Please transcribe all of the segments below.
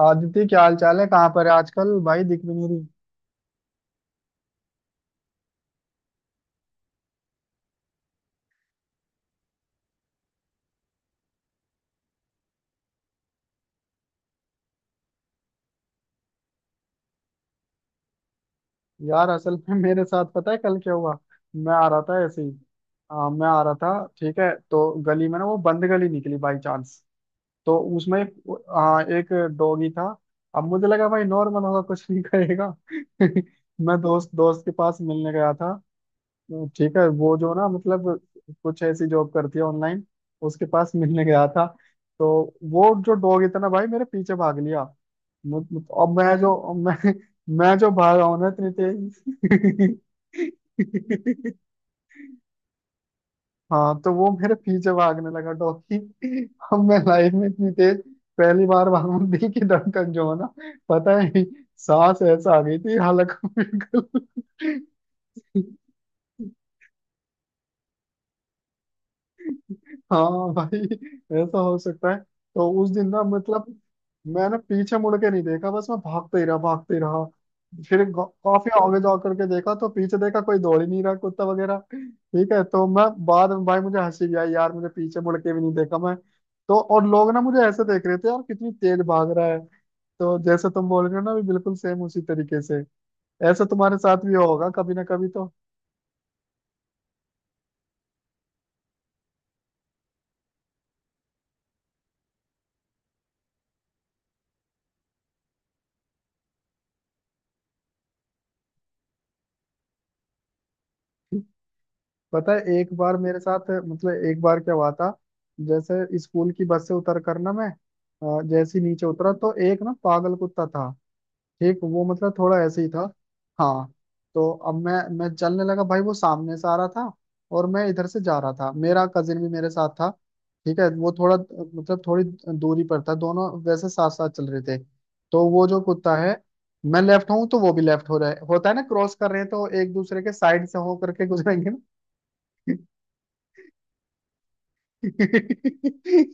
आदिति, क्या हाल चाल है? कहाँ पर है आजकल भाई? दिख भी नहीं रही। यार असल में मेरे साथ पता है कल क्या हुआ? मैं आ रहा था ऐसे ही। मैं आ रहा था। ठीक है, तो गली में ना वो बंद गली निकली बाई चांस। तो उसमें एक एक डॉगी था। अब मुझे लगा भाई नॉर्मल होगा, कुछ नहीं करेगा। मैं दोस्त दोस्त के पास मिलने गया था। ठीक है, वो जो ना, मतलब कुछ ऐसी जॉब करती है ऑनलाइन। उसके पास मिलने गया था। तो वो जो डॉग, इतना भाई मेरे पीछे भाग लिया। मु- मु- और मैं जो भागा हूं ना इतनी तेज। हाँ, तो वो मेरे पीछे भागने लगा डॉगी। अब मैं लाइफ में इतनी तेज पहली बार भागू, दिल की धड़कन जो है ना। पता है, सांस ऐसा आ गई थी हालांकि बिल्कुल। हाँ भाई, ऐसा हो सकता है। तो उस दिन ना, मतलब मैंने पीछे मुड़ के नहीं देखा, बस मैं भागते ही रहा, भागते ही रहा। फिर काफी आगे जा करके देखा तो पीछे देखा कोई दौड़ ही नहीं रहा कुत्ता वगैरह। ठीक है, तो मैं बाद में भाई मुझे हंसी भी आई, यार मुझे पीछे मुड़ के भी नहीं देखा मैं। तो और लोग ना मुझे ऐसे देख रहे थे, यार कितनी तेज भाग रहा है। तो जैसे तुम बोल रहे हो ना, भी बिल्कुल सेम उसी तरीके से। ऐसा तुम्हारे साथ भी होगा कभी ना कभी तो। पता है एक बार मेरे साथ, मतलब एक बार क्या हुआ था? जैसे स्कूल की बस से उतर कर ना मैं, जैसे ही नीचे उतरा तो एक ना पागल कुत्ता था। ठीक वो मतलब थोड़ा ऐसे ही था। हाँ। तो अब मैं चलने लगा, भाई वो सामने से आ रहा था। और मैं इधर से जा रहा था, मेरा कजिन भी मेरे साथ था। ठीक है, वो थोड़ा, मतलब थोड़ी दूरी पर था, दोनों वैसे साथ साथ चल रहे थे। तो वो जो कुत्ता है, मैं लेफ्ट हूँ तो वो भी लेफ्ट हो रहा है, होता है ना क्रॉस कर रहे हैं तो एक दूसरे के साइड से हो करके गुजरेंगे। नहीं,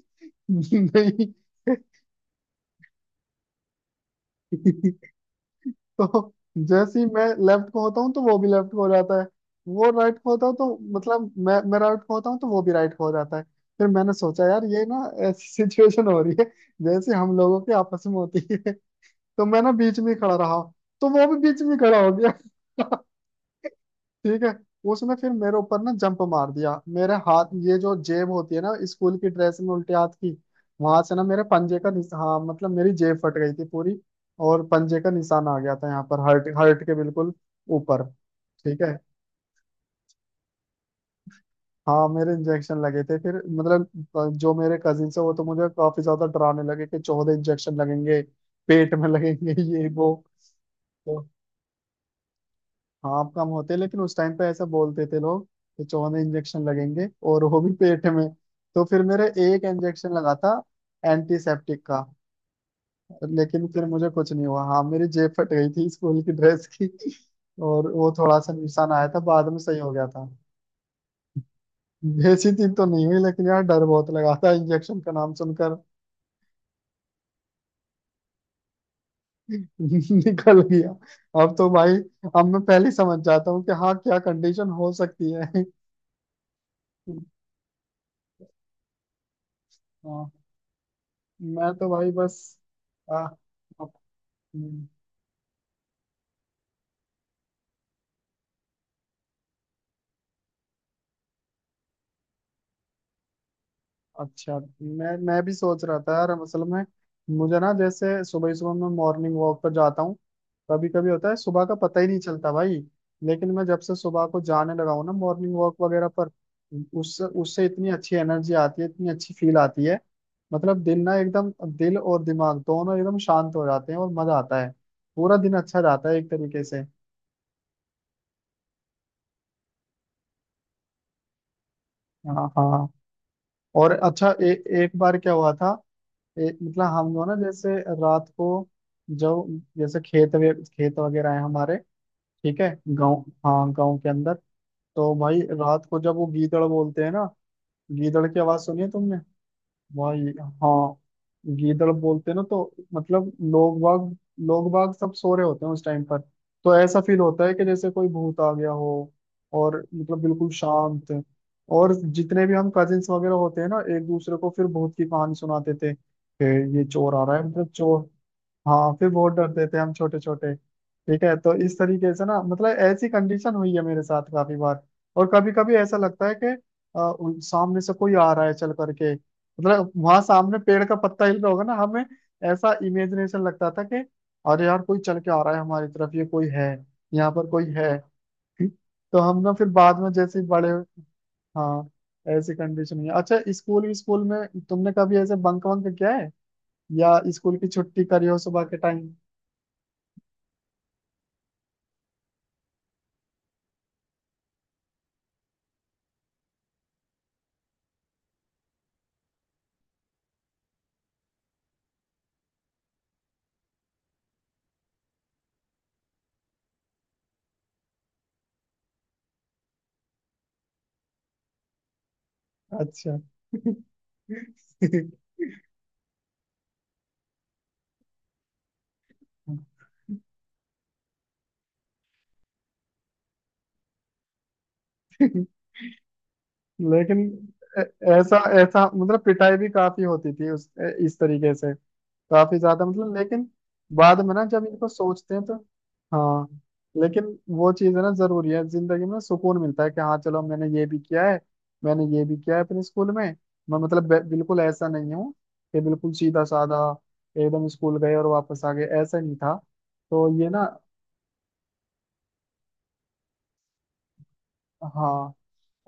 तो जैसे ही मैं लेफ्ट को होता हूँ तो वो भी लेफ्ट को हो जाता है। वो राइट को होता है तो, मतलब मैं राइट को होता हूँ तो वो भी राइट को हो जाता है। फिर मैंने सोचा यार ये ना ऐसी सिचुएशन हो रही है जैसे हम लोगों के आपस में होती है। तो मैं ना बीच में ही खड़ा रहा, तो वो भी बीच में ही खड़ा हो गया। ठीक है। उसने फिर मेरे ऊपर ना जंप मार दिया, मेरे हाथ ये जो जेब होती है ना स्कूल की ड्रेस में उल्टे हाथ की, वहां से ना मेरे पंजे का हाँ मतलब मेरी जेब फट गई थी पूरी। और पंजे का निशान आ गया था, यहाँ पर हर्ट हर्ट के बिल्कुल ऊपर। ठीक है। हाँ मेरे इंजेक्शन लगे थे फिर, मतलब जो मेरे कजिन है वो तो मुझे काफी ज्यादा डराने लगे कि 14 इंजेक्शन लगेंगे, पेट में लगेंगे। ये वो, तो हाँ कम होते हैं, लेकिन उस टाइम पे ऐसा बोलते थे लोग कि 54 इंजेक्शन लगेंगे, और वो भी पेट में। तो फिर मेरा एक इंजेक्शन लगा था, एंटीसेप्टिक का। लेकिन फिर मुझे कुछ नहीं हुआ, हाँ मेरी जेब फट गई थी स्कूल की ड्रेस की। और वो थोड़ा सा नुकसान आया था, बाद में सही हो गया था। बेइज्जती तो नहीं हुई, लेकिन यार डर बहुत लगा था इंजेक्शन का नाम सुनकर। निकल गया, अब तो भाई अब मैं पहले ही समझ जाता हूँ कि हाँ क्या कंडीशन हो सकती है। हाँ, मैं तो भाई बस आ, अप- हम्म, अच्छा, मैं भी सोच रहा था यार असल में, मुझे ना जैसे सुबह सुबह मैं मॉर्निंग वॉक पर जाता हूँ। कभी कभी होता है, सुबह का पता ही नहीं चलता भाई। लेकिन मैं जब से सुबह को जाने लगा हूँ ना मॉर्निंग वॉक वगैरह पर, उससे उससे इतनी अच्छी एनर्जी आती है, इतनी अच्छी फील आती है। मतलब दिन ना एकदम, दिल और दिमाग दोनों एकदम शांत हो जाते हैं और मजा आता है। पूरा दिन अच्छा जाता है एक तरीके से। हाँ, हाँ। और अच्छा, एक बार क्या हुआ था? मतलब हम लोग ना जैसे रात को जो जैसे खेत वगैरह है हमारे। ठीक है, गांव, हाँ गांव के अंदर। तो भाई रात को जब वो गीदड़ बोलते हैं ना, गीदड़ की आवाज सुनी है तुमने? वही, हाँ। गीदड़ बोलते हैं ना तो मतलब लोग बाग, लोग बाग सब सो रहे होते हैं उस टाइम पर। तो ऐसा फील होता है कि जैसे कोई भूत आ गया हो, और मतलब बिल्कुल शांत। और जितने भी हम कजिन्स वगैरह होते हैं ना, एक दूसरे को फिर भूत की कहानी सुनाते थे कि ये चोर आ रहा है, मतलब चोर। हाँ, फिर बहुत डरते थे हम छोटे छोटे। ठीक है, तो इस तरीके से ना, मतलब ऐसी कंडीशन हुई है मेरे साथ काफी बार। और कभी कभी ऐसा लगता है कि सामने से कोई आ रहा है चल करके। मतलब वहां सामने पेड़ का पत्ता हिल रहा होगा ना हमें, ऐसा इमेजिनेशन लगता था कि अरे यार कोई चल के आ रहा है हमारी तरफ, ये कोई है, यहाँ पर कोई है। तो हम ना फिर बाद में जैसे ही बड़े, हाँ ऐसी कंडीशन है। अच्छा, स्कूल स्कूल में तुमने कभी ऐसे बंक वंक किया है, या स्कूल की छुट्टी करी हो सुबह के टाइम? अच्छा। लेकिन ऐ- ऐसा ऐसा, मतलब पिटाई भी काफी होती थी उस, इस तरीके से, काफी ज्यादा, मतलब लेकिन बाद में ना जब इनको सोचते हैं तो, हाँ। लेकिन वो चीज है ना जरूरी है जिंदगी में, सुकून मिलता है कि हाँ चलो मैंने ये भी किया है, मैंने ये भी किया है अपने स्कूल में। मैं मतलब बिल्कुल ऐसा नहीं हूँ कि बिल्कुल सीधा साधा एकदम स्कूल गए और वापस आ गए, ऐसा नहीं था। तो ये ना, हाँ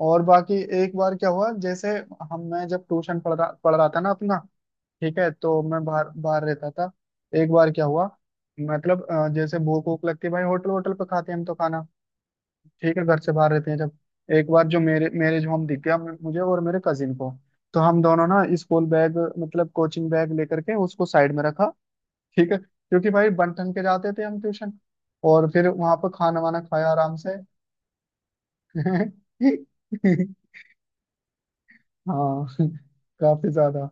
और बाकी एक बार क्या हुआ जैसे, हम मैं जब ट्यूशन पढ़ रहा था ना अपना, ठीक है तो मैं बाहर बाहर रहता था। एक बार क्या हुआ, मतलब जैसे भूख वूख लगती है भाई, होटल होटल पे खाते हैं हम तो खाना। ठीक है, घर से बाहर रहते हैं जब। एक बार जो मेरे मैरिज होम दिख गया मुझे और मेरे कजिन को। तो हम दोनों ना स्कूल बैग, मतलब कोचिंग बैग लेकर के उसको साइड में रखा। ठीक है, क्योंकि भाई बन ठन के जाते थे हम ट्यूशन। और फिर वहां पर खाना वाना खाया आराम से। हाँ, काफी ज्यादा।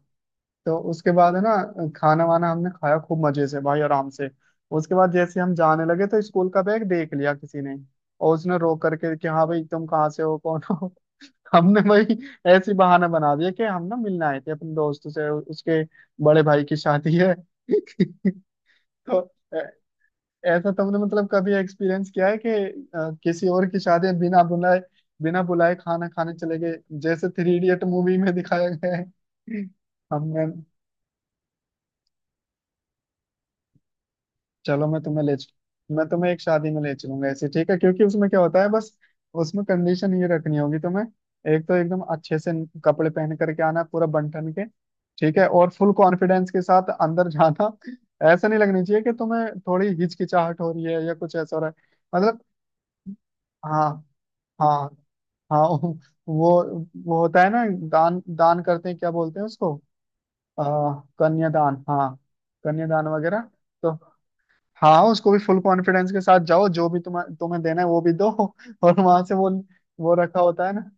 तो उसके बाद है ना, खाना वाना हमने खाया खूब मजे से भाई, आराम से। उसके बाद जैसे हम जाने लगे तो स्कूल का बैग देख लिया किसी ने, और उसने रो करके कि हाँ भाई तुम कहाँ से हो, कौन हो? हमने भाई ऐसी बहाना बना दिया कि हम ना मिलने आए थे अपने दोस्त से, उसके बड़े भाई की शादी है। तो ऐ- ऐसा तुमने मतलब कभी एक्सपीरियंस किया है कि किसी और की शादी में बिना बुलाए, बिना बुलाए खाना खाने चले गए, जैसे थ्री इडियट मूवी में दिखाया गया है? हमने, चलो मैं तुम्हें एक शादी में ले चलूंगा ऐसे। ठीक है, क्योंकि उसमें क्या होता है बस, उसमें कंडीशन ये रखनी होगी तुम्हें। एक तो एकदम अच्छे से कपड़े पहन करके आना, पूरा बन ठन के। ठीक है, और फुल कॉन्फिडेंस के साथ अंदर जाना। ऐसा नहीं लगनी चाहिए कि तुम्हें थोड़ी हिचकिचाहट हो रही है या कुछ ऐसा हो रहा है, मतलब हाँ, हाँ, हाँ। वो वो होता है ना, दान दान करते हैं क्या बोलते हैं उसको? आ, कन्यादान, हाँ, कन्यादान वगैरह। तो हाँ, उसको भी फुल कॉन्फिडेंस के साथ जाओ, जो भी तुम्हें तुम्हें देना है वो भी दो। और वहां से वो रखा होता है ना।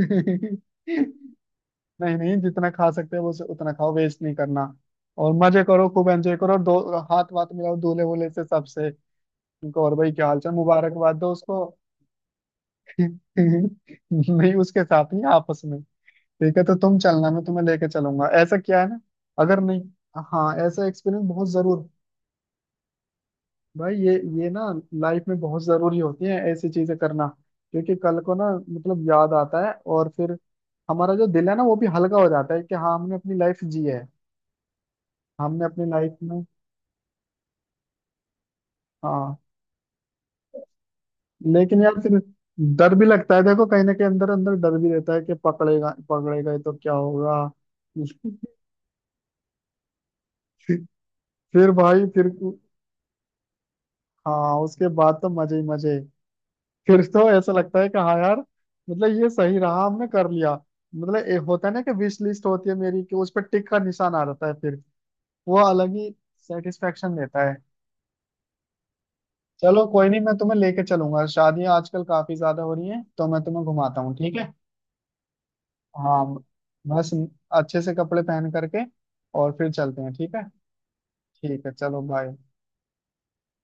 नहीं, नहीं, जितना खा सकते हो उतना खाओ, वेस्ट नहीं करना। और मजे करो, खूब एंजॉय करो, और दो हाथ वाथ मिलाओ दूल्हे वूल्हे से सबसे। उनको, और भाई क्या हाल चाल, मुबारकबाद दो उसको। नहीं, उसके साथ नहीं, आपस में। ठीक है, तो तुम चलना मैं तुम्हें लेके चलूंगा ऐसा, क्या है ना, अगर नहीं, हाँ ऐसा एक्सपीरियंस बहुत जरूर। भाई ये ना लाइफ में बहुत जरूरी होती है ऐसी चीजें करना, क्योंकि कल को ना, मतलब याद आता है और फिर हमारा जो दिल है ना वो भी हल्का हो जाता है कि हाँ हमने अपनी लाइफ जी है, हमने अपनी लाइफ में। हाँ, लेकिन यार फिर डर भी लगता है देखो, कहीं ना कहीं अंदर अंदर डर भी रहता है कि पकड़ेगा पकड़ेगा तो क्या होगा। फिर भाई फिर, हाँ उसके बाद तो मजे ही मजे। फिर तो ऐसा लगता है कि हाँ यार, मतलब ये सही रहा, हमने कर लिया। मतलब ये होता है ना कि विश लिस्ट होती है मेरी, कि उस पर टिक का निशान आ जाता है फिर, वो अलग ही सेटिस्फेक्शन देता है। चलो कोई नहीं, मैं तुम्हें लेके चलूंगा, शादियां आजकल काफी ज्यादा हो रही हैं तो मैं तुम्हें घुमाता हूँ, ठीक है। हाँ, बस अच्छे से कपड़े पहन करके और फिर चलते हैं, ठीक है। ठीक है, चलो बाय।